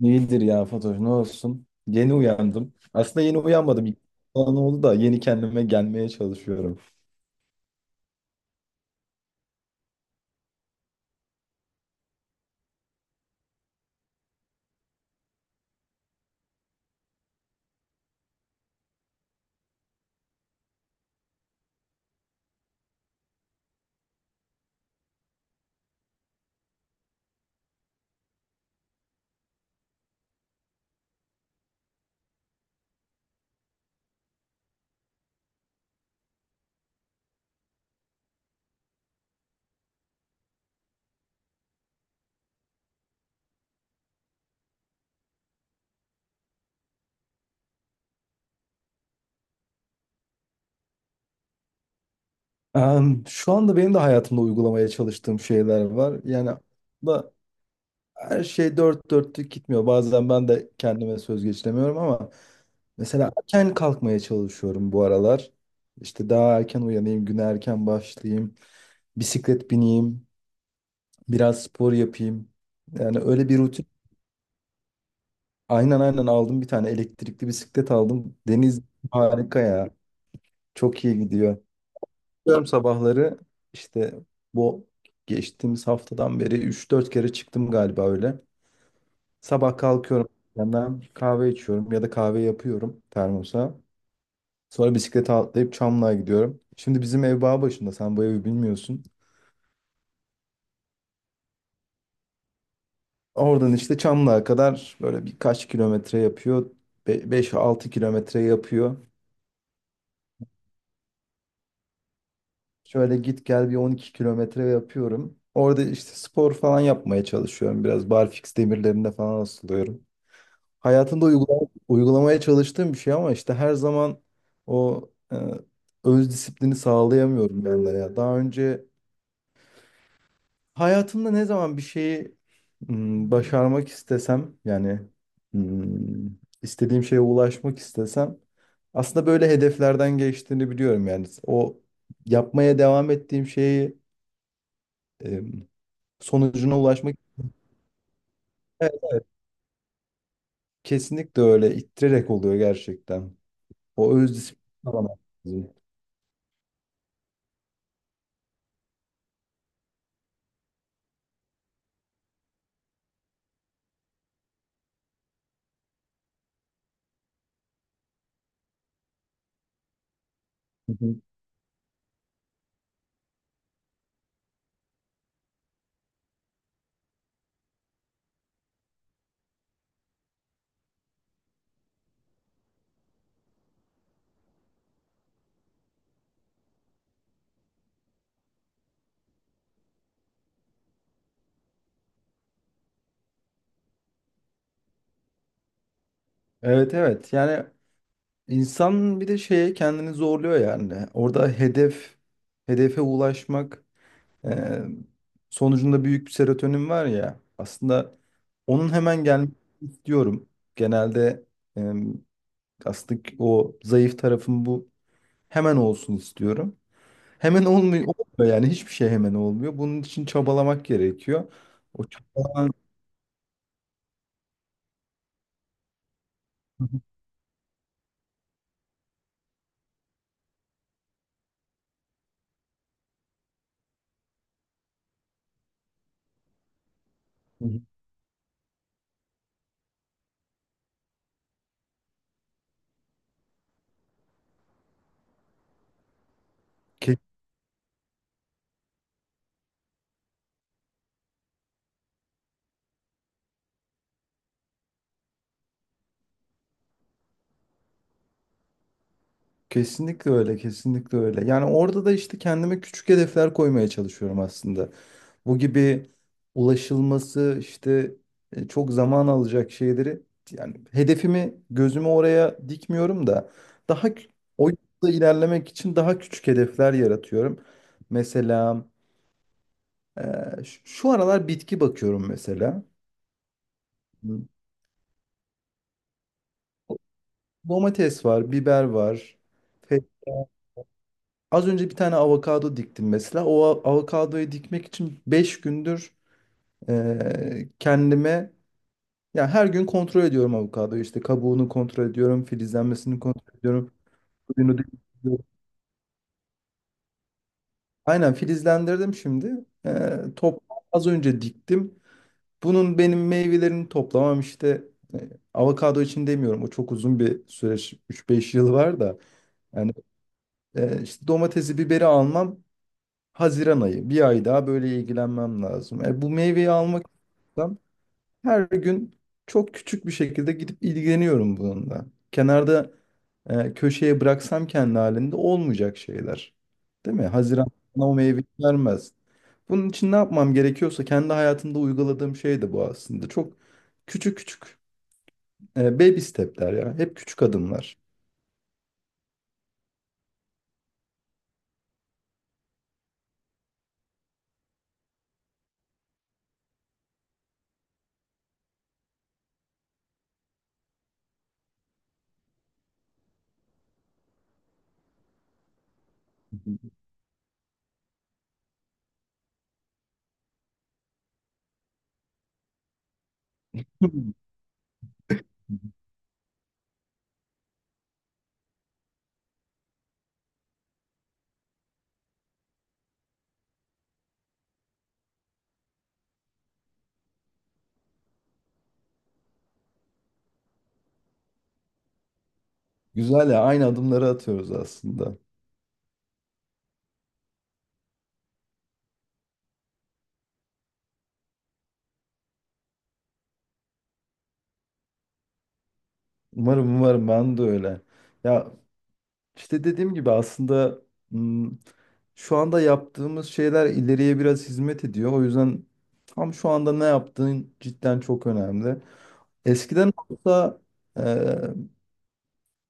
İyidir ya Fatoş, ne olsun. Yeni uyandım. Aslında yeni uyanmadım. Falan oldu da yeni kendime gelmeye çalışıyorum. Şu anda benim de hayatımda uygulamaya çalıştığım şeyler var. Yani da her şey dört dörtlük gitmiyor. Bazen ben de kendime söz geçiremiyorum ama mesela erken kalkmaya çalışıyorum bu aralar. İşte daha erken uyanayım, güne erken başlayayım, bisiklet bineyim, biraz spor yapayım. Yani öyle bir rutin. Aynen aynen, aldım, bir tane elektrikli bisiklet aldım. Deniz harika ya. Çok iyi gidiyor. Çıkıyorum sabahları, işte bu geçtiğimiz haftadan beri 3-4 kere çıktım galiba öyle. Sabah kalkıyorum, yandan kahve içiyorum ya da kahve yapıyorum termosa. Sonra bisiklete atlayıp Çamlı'ya gidiyorum. Şimdi bizim ev bağ başında, sen bu evi bilmiyorsun. Oradan işte Çamlı'ya kadar böyle birkaç kilometre yapıyor. 5-6 kilometre yapıyor. Şöyle git gel bir 12 kilometre yapıyorum. Orada işte spor falan yapmaya çalışıyorum. Biraz barfiks demirlerinde falan asılıyorum. Hayatımda uygulamaya çalıştığım bir şey ama işte her zaman o e, öz disiplini sağlayamıyorum ben de ya. Daha önce hayatımda ne zaman bir şeyi başarmak istesem, yani m, istediğim şeye ulaşmak istesem aslında böyle hedeflerden geçtiğini biliyorum yani. O yapmaya devam ettiğim şeyi sonucuna ulaşmak. Evet, kesinlikle öyle ittirerek oluyor gerçekten. O öz disiplin alamak lazım. Hı hı. Evet evet, yani insan bir de şeye kendini zorluyor yani. Orada hedefe ulaşmak e, sonucunda büyük bir serotonin var ya aslında, onun hemen gelmesini istiyorum. Genelde e, aslında o zayıf tarafım bu, hemen olsun istiyorum. Hemen olmuyor, olmuyor, yani hiçbir şey hemen olmuyor. Bunun için çabalamak gerekiyor. O çabalamak... Ke- Kesinlikle öyle, kesinlikle öyle. Yani orada da işte kendime küçük hedefler koymaya çalışıyorum aslında. Bu gibi ulaşılması işte çok zaman alacak şeyleri, yani hedefimi gözümü oraya dikmiyorum da daha kü- o yolda ilerlemek için daha küçük hedefler yaratıyorum. Mesela e, şu aralar bitki bakıyorum mesela. Hı. Domates var, biber var. Fe- Az önce bir tane avokado diktim mesela. O avokadoyu dikmek için 5 gündür kendime, ya her gün kontrol ediyorum avokadoyu. İşte kabuğunu kontrol ediyorum, filizlenmesini kontrol ediyorum, suyunu dikliyorum. Aynen, filizlendirdim şimdi. E, top Az önce diktim. Bunun benim meyvelerini toplamam işte, e, avokado için demiyorum. O çok uzun bir süreç. 3-5 yıl var da. Yani işte domatesi, biberi almam Haziran ayı. Bir ay daha böyle ilgilenmem lazım. Bu meyveyi almak istiyorsam her gün çok küçük bir şekilde gidip ilgileniyorum bununla. Kenarda köşeye bıraksam kendi halinde olmayacak şeyler. Değil mi? Haziran bana o meyveyi vermez. Bunun için ne yapmam gerekiyorsa kendi hayatımda uyguladığım şey de bu aslında. Çok küçük küçük baby step'ler ya. Hep küçük adımlar. Güzel ya, aynı adımları atıyoruz aslında. Umarım umarım ben de öyle. Ya, İşte dediğim gibi aslında m, şu anda yaptığımız şeyler ileriye biraz hizmet ediyor. O yüzden tam şu anda ne yaptığın cidden çok önemli. Eskiden olsa e,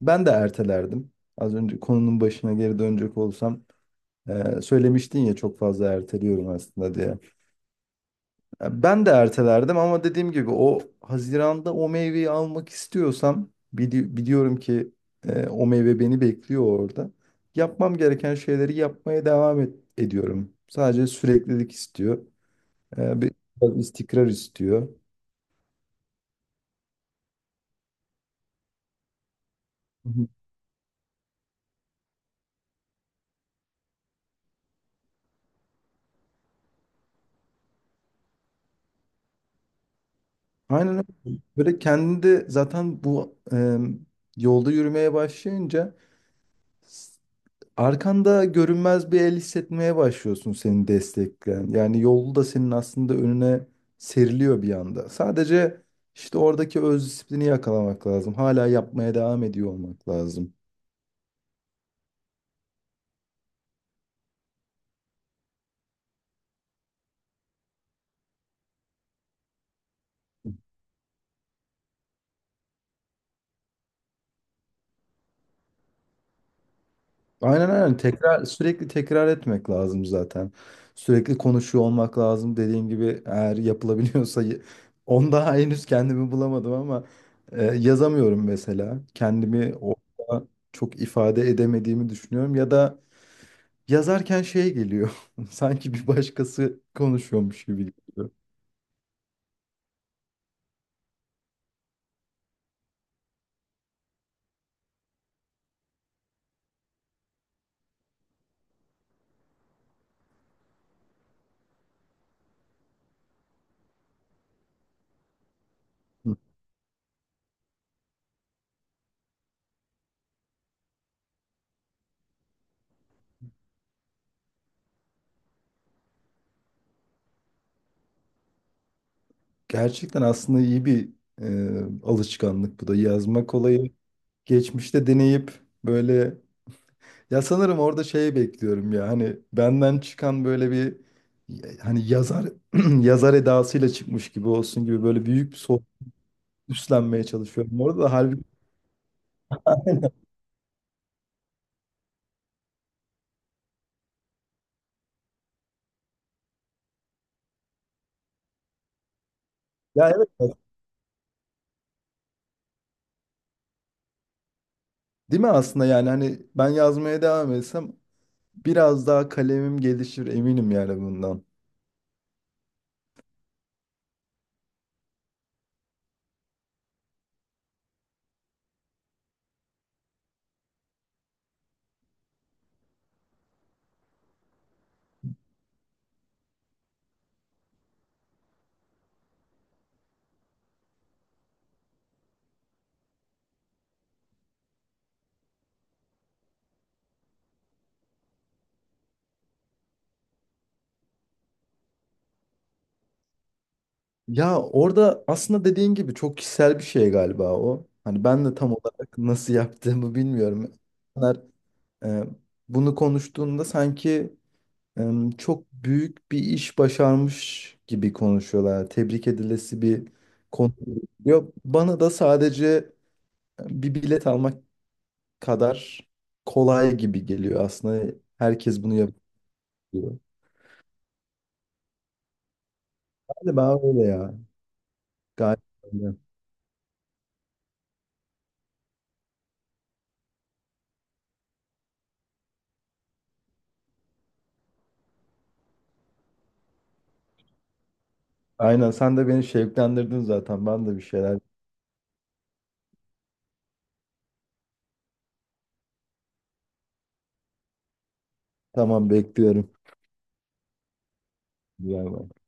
ben de ertelerdim. Az önce konunun başına geri dönecek olsam, söylemiştin ya çok fazla erteliyorum aslında diye. Ya, ben de ertelerdim ama dediğim gibi o Haziran'da o meyveyi almak istiyorsam biliyorum ki o meyve beni bekliyor orada. Yapmam gereken şeyleri yapmaya devam ediyorum. Sadece süreklilik istiyor. E, bir biraz istikrar istiyor. Hı hı. Aynen öyle. Böyle kendinde zaten bu yolda yürümeye başlayınca arkanda görünmez bir el hissetmeye başlıyorsun seni destekleyen. Yani yolu da senin aslında önüne seriliyor bir anda. Sadece işte oradaki öz disiplini yakalamak lazım. Hala yapmaya devam ediyor olmak lazım. Aynen aynen. Tekrar, sürekli tekrar etmek lazım zaten. Sürekli konuşuyor olmak lazım. Dediğim gibi eğer yapılabiliyorsa onda henüz kendimi bulamadım ama yazamıyorum mesela. Kendimi orada çok ifade edemediğimi düşünüyorum ya da... Yazarken şey geliyor. Sanki bir başkası konuşuyormuş gibi geliyor. Hı. Gerçekten aslında iyi bir alışkanlık bu da. Yazmak olayı geçmişte deneyip böyle, ya sanırım orada şey bekliyorum ya, hani benden çıkan böyle bir, hani yazar yazar edasıyla çıkmış gibi olsun gibi böyle büyük bir soğuk üstlenmeye çalışıyorum. Orada da halbuki... Ya evet bak, değil mi aslında, yani hani ben yazmaya devam etsem biraz daha kalemim gelişir eminim yani bundan. Ya orada aslında dediğin gibi çok kişisel bir şey galiba o. Hani ben de tam olarak nasıl yaptığımı bilmiyorum. İnsanlar e, bunu konuştuğunda sanki e, çok büyük bir iş başarmış gibi konuşuyorlar. Tebrik edilesi bir konu. Yok, bana da sadece bir bilet almak kadar kolay gibi geliyor aslında. Herkes bunu yapıyor. Galiba öyle ya. Galiba öyle. Aynen, sen de beni şevklendirdin zaten. Ben de bir şeyler... Tamam, bekliyorum. Güzel bak.